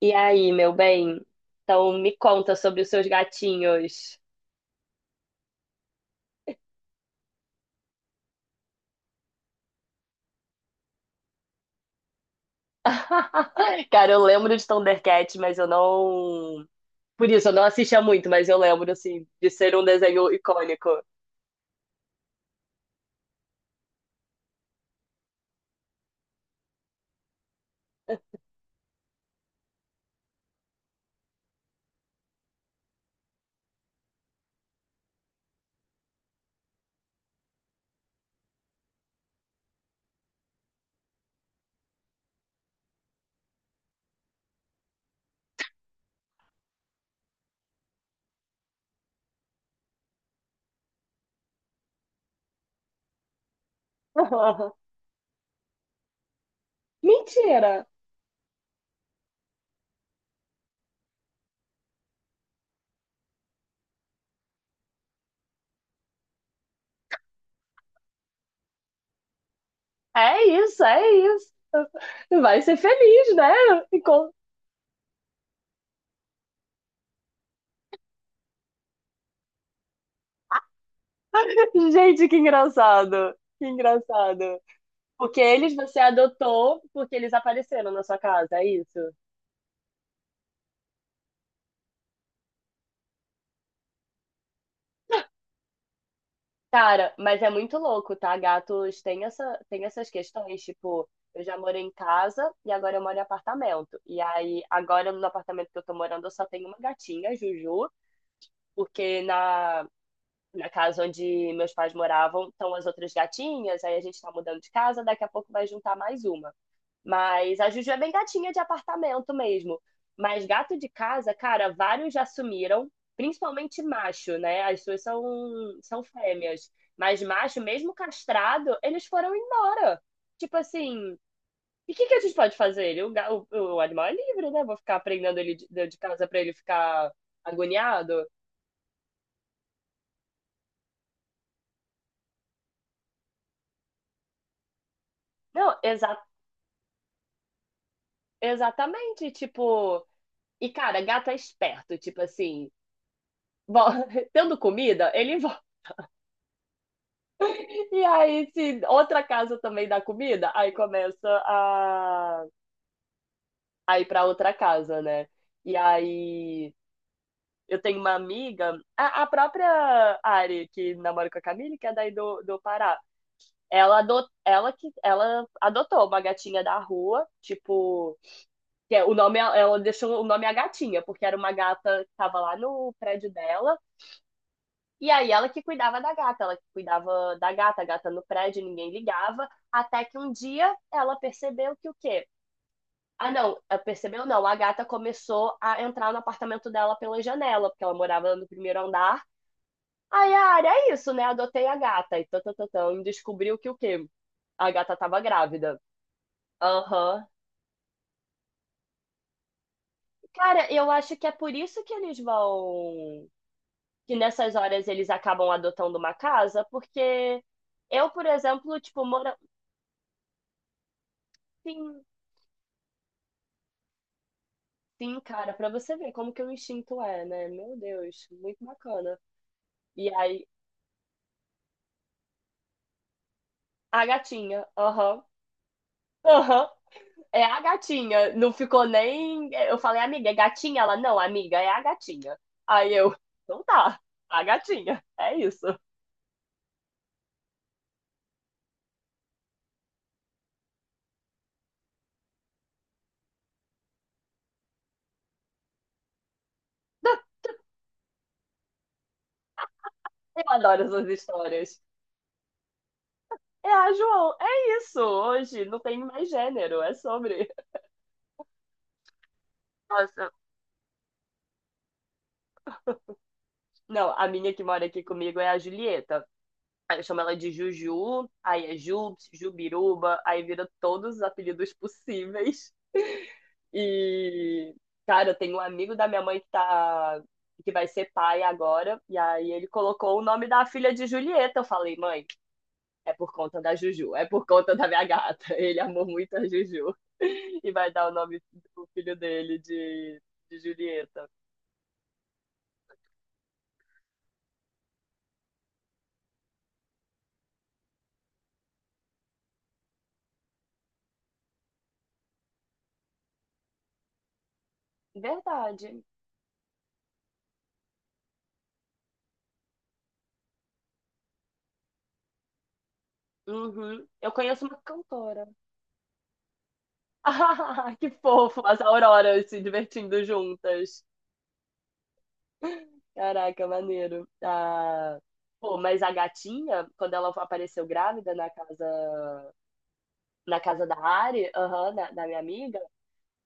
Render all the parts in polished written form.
E aí, meu bem? Então me conta sobre os seus gatinhos. Cara, eu lembro de Thundercats, mas eu não. Por isso, eu não assistia muito, mas eu lembro, assim, de ser um desenho icônico. Mentira! É isso, é isso. Vai ser feliz, né? Encon- Gente, que engraçado. Que engraçado. Porque eles você adotou porque eles apareceram na sua casa, é isso? Cara, mas é muito louco, tá? Gatos têm essa, têm essas questões, tipo, eu já morei em casa e agora eu moro em apartamento. E aí, agora no apartamento que eu tô morando, eu só tenho uma gatinha, Juju, porque na casa onde meus pais moravam estão as outras gatinhas, aí a gente tá mudando de casa, daqui a pouco vai juntar mais uma. Mas a Juju é bem gatinha de apartamento mesmo. Mas gato de casa, cara, vários já sumiram, principalmente macho, né? As suas são fêmeas. Mas macho, mesmo castrado, eles foram embora. Tipo assim, e o que a gente pode fazer? Ele, o, ga- o animal é livre, né? Vou ficar prendendo ele de casa pra ele ficar agoniado? Não, exatamente. Tipo, e cara, gato é esperto. Tipo assim, bom, tendo comida, ele E aí, se outra casa também dá comida, aí começa a ir para outra casa, né? E aí, eu tenho uma amiga, a própria Ari, que namora com a Camille, que é daí do Pará. Ela adotou uma gatinha da rua, tipo, que é, o nome, ela deixou o nome a gatinha, porque era uma gata que tava lá no prédio dela. E aí ela que cuidava da gata, a gata no prédio, ninguém ligava, até que um dia ela percebeu que o quê? Ah, não, ela percebeu não, a gata começou a entrar no apartamento dela pela janela, porque ela morava no primeiro andar. Aí, a é isso, né? Adotei a gata e tatatão, e descobriu que o quê? A gata tava grávida. Aham. Cara, eu acho que é por isso que eles vão. Que nessas horas eles acabam adotando uma casa, porque eu, por exemplo, tipo, mora. Sim, sim, cara, pra você ver como que o instinto é, né? Meu Deus, muito bacana. E aí, a gatinha, aham, aham, é a gatinha. Não ficou nem. Eu falei, amiga, é gatinha? Ela, não, amiga, é a gatinha. Aí eu, então tá, a gatinha, é isso. Eu adoro essas histórias. É a João, é isso. Hoje não tem mais gênero, é sobre. Nossa, não, a minha que mora aqui comigo é a Julieta. Aí eu chamo ela de Juju, aí é Jubs, Jubiruba, aí vira todos os apelidos possíveis. E, cara, eu tenho um amigo da minha mãe que tá. Que vai ser pai agora, e aí ele colocou o nome da filha de Julieta. Eu falei, mãe, é por conta da Juju, é por conta da minha gata. Ele amou muito a Juju e vai dar o nome do filho dele de Julieta. Verdade. Uhum. Eu conheço uma cantora. Ah, que fofo, as auroras se divertindo juntas. Caraca, maneiro. Ah, pô, mas a gatinha, quando ela apareceu grávida na casa da Ari, aham, da minha amiga,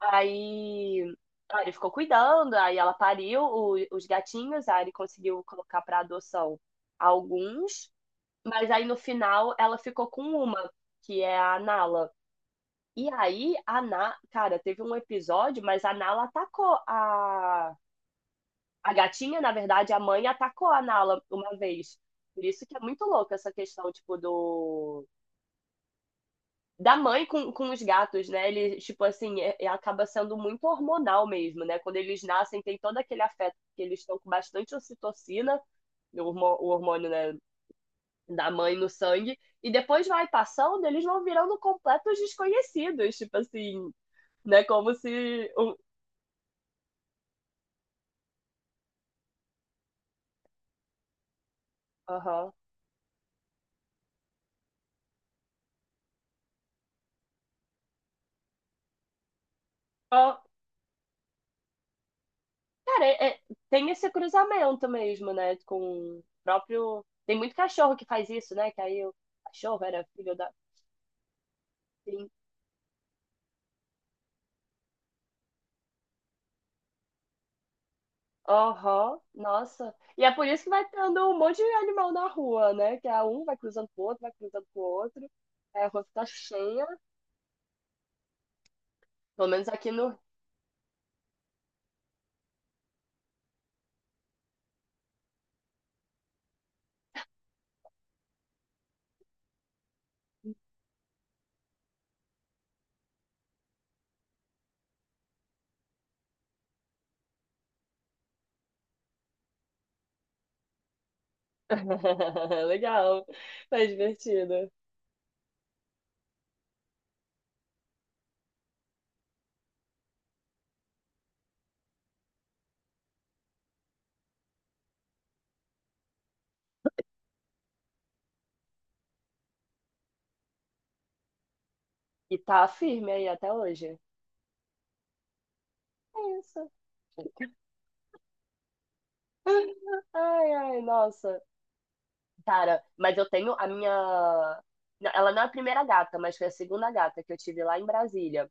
aí a Ari ficou cuidando, aí ela pariu os gatinhos, a Ari conseguiu colocar para adoção alguns, mas aí no final ela ficou com uma, que é a Nala. E aí, cara, teve um episódio, mas a Nala atacou a. A gatinha, na verdade, a mãe atacou a Nala uma vez. Por isso que é muito louco essa questão, tipo, do... Da mãe com os gatos, né? Ele, tipo assim, acaba sendo muito hormonal mesmo, né? Quando eles nascem, tem todo aquele afeto, porque eles estão com bastante ocitocina, o hormônio, né, da mãe no sangue, e depois vai passando, eles vão virando completos desconhecidos, tipo assim, né? Como se. Aham. Cara, tem esse cruzamento mesmo, né? Com o próprio. Tem muito cachorro que faz isso, né? Que aí o cachorro era filho da. Sim. Aham, nossa. E é por isso que vai tendo um monte de animal na rua, né? Que a um vai cruzando pro outro, vai cruzando pro outro. Aí a rua fica cheia. Pelo menos aqui no. Legal. Tá divertido. E tá firme aí até hoje. É isso. Ai, ai, nossa. Cara, mas eu tenho a minha. Ela não é a primeira gata, mas foi a segunda gata que eu tive lá em Brasília.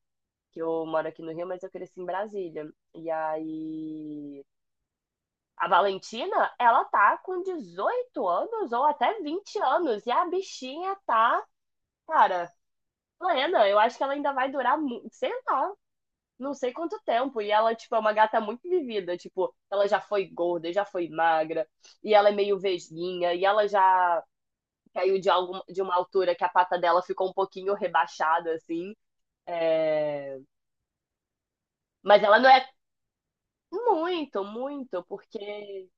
Que eu moro aqui no Rio, mas eu cresci em Brasília. E aí. A Valentina, ela tá com 18 anos ou até 20 anos. E a bichinha tá, cara, plena. Eu acho que ela ainda vai durar, sei lá, não sei quanto tempo. E ela, tipo, é uma gata muito vivida. Tipo, ela já foi gorda, já foi magra. E ela é meio vesguinha. E ela já caiu de uma altura que a pata dela ficou um pouquinho rebaixada, assim. É... Mas ela não é muito, muito, porque.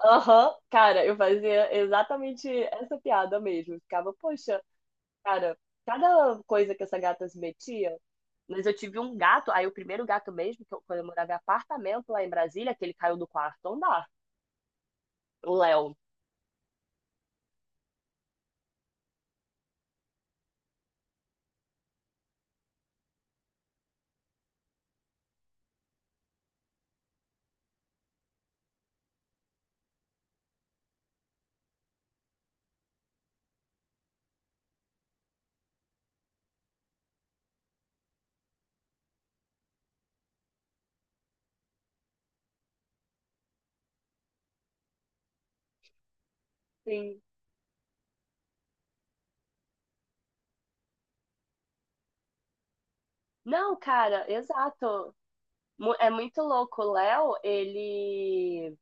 Aham, cara, eu fazia exatamente essa piada mesmo. Eu ficava, poxa, cara, cada coisa que essa gata se metia. Mas eu tive um gato, aí o primeiro gato mesmo, que eu, quando eu morava em apartamento lá em Brasília, que ele caiu do quarto andar, o Léo. Sim. Não, cara, exato. É muito louco. O Léo, ele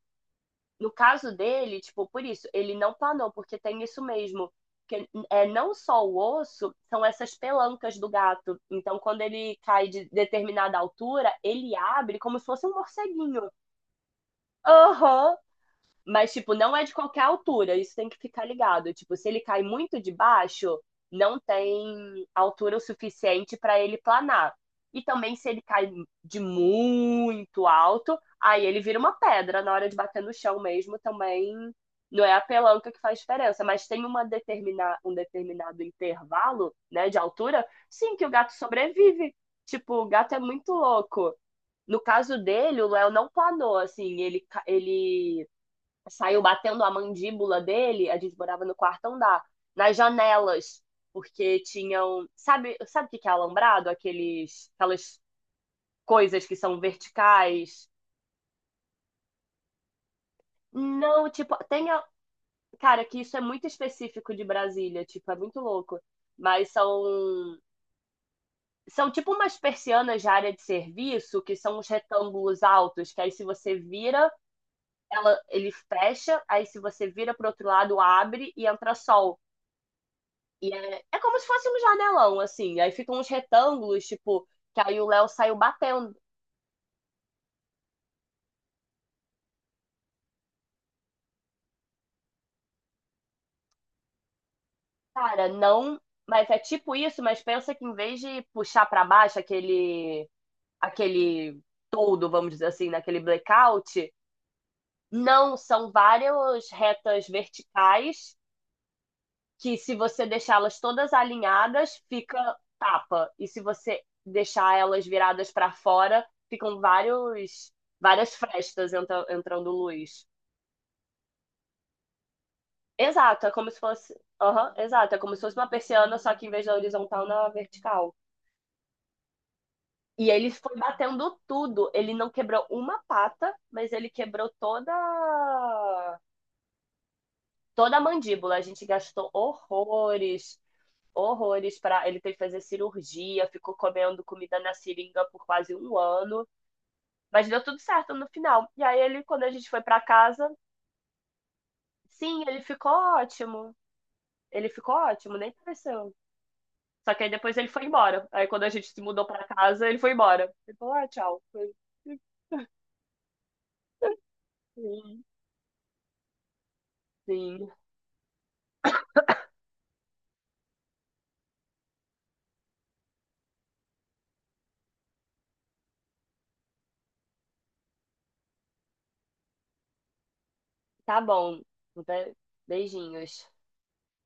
no caso dele, tipo, por isso, ele não planou, porque tem isso mesmo. Que é não só o osso, são essas pelancas do gato. Então, quando ele cai de determinada altura, ele abre como se fosse um morceguinho. Aham. Mas, tipo, não é de qualquer altura, isso tem que ficar ligado. Tipo, se ele cai muito de baixo, não tem altura o suficiente para ele planar. E também, se ele cai de muito alto, aí ele vira uma pedra na hora de bater no chão mesmo. Também não é a pelanca que faz diferença, mas tem um determinado intervalo, né, de altura, sim, que o gato sobrevive. Tipo, o gato é muito louco. No caso dele, o Léo não planou, assim, ele saiu batendo a mandíbula dele, a gente morava no quarto andar, nas janelas, porque tinham, sabe o que que é alambrado? Aquelas coisas que são verticais. Não, tipo, tem, cara, que isso é muito específico de Brasília, tipo, é muito louco. Mas são tipo umas persianas de área de serviço, que são uns retângulos altos, que aí se você vira, ele fecha, aí se você vira pro outro lado, abre e entra sol. E é como se fosse um janelão, assim. Aí ficam uns retângulos, tipo, que aí o Léo saiu batendo. Cara, não. Mas é tipo isso, mas pensa que em vez de puxar pra baixo aquele todo, vamos dizer assim, naquele blackout, não, são várias retas verticais que, se você deixá-las todas alinhadas, fica tapa. E se você deixar elas viradas para fora, ficam várias frestas entrando luz. Exato, é como se fosse. Aham, exato, é como se fosse uma persiana, só que em vez da horizontal, na vertical. E ele foi batendo tudo. Ele não quebrou uma pata, mas ele quebrou toda a mandíbula. A gente gastou horrores, horrores para ele ter que fazer cirurgia, ficou comendo comida na seringa por quase um ano, mas deu tudo certo no final. E aí ele, quando a gente foi para casa, sim, ele ficou ótimo. Ele ficou ótimo, nem pareceu. Só que aí depois ele foi embora. Aí quando a gente se mudou pra casa, ele foi embora. Ele falou, ah, tchau. Eu falei, sim, sim. Tá bom. Be- Beijinhos.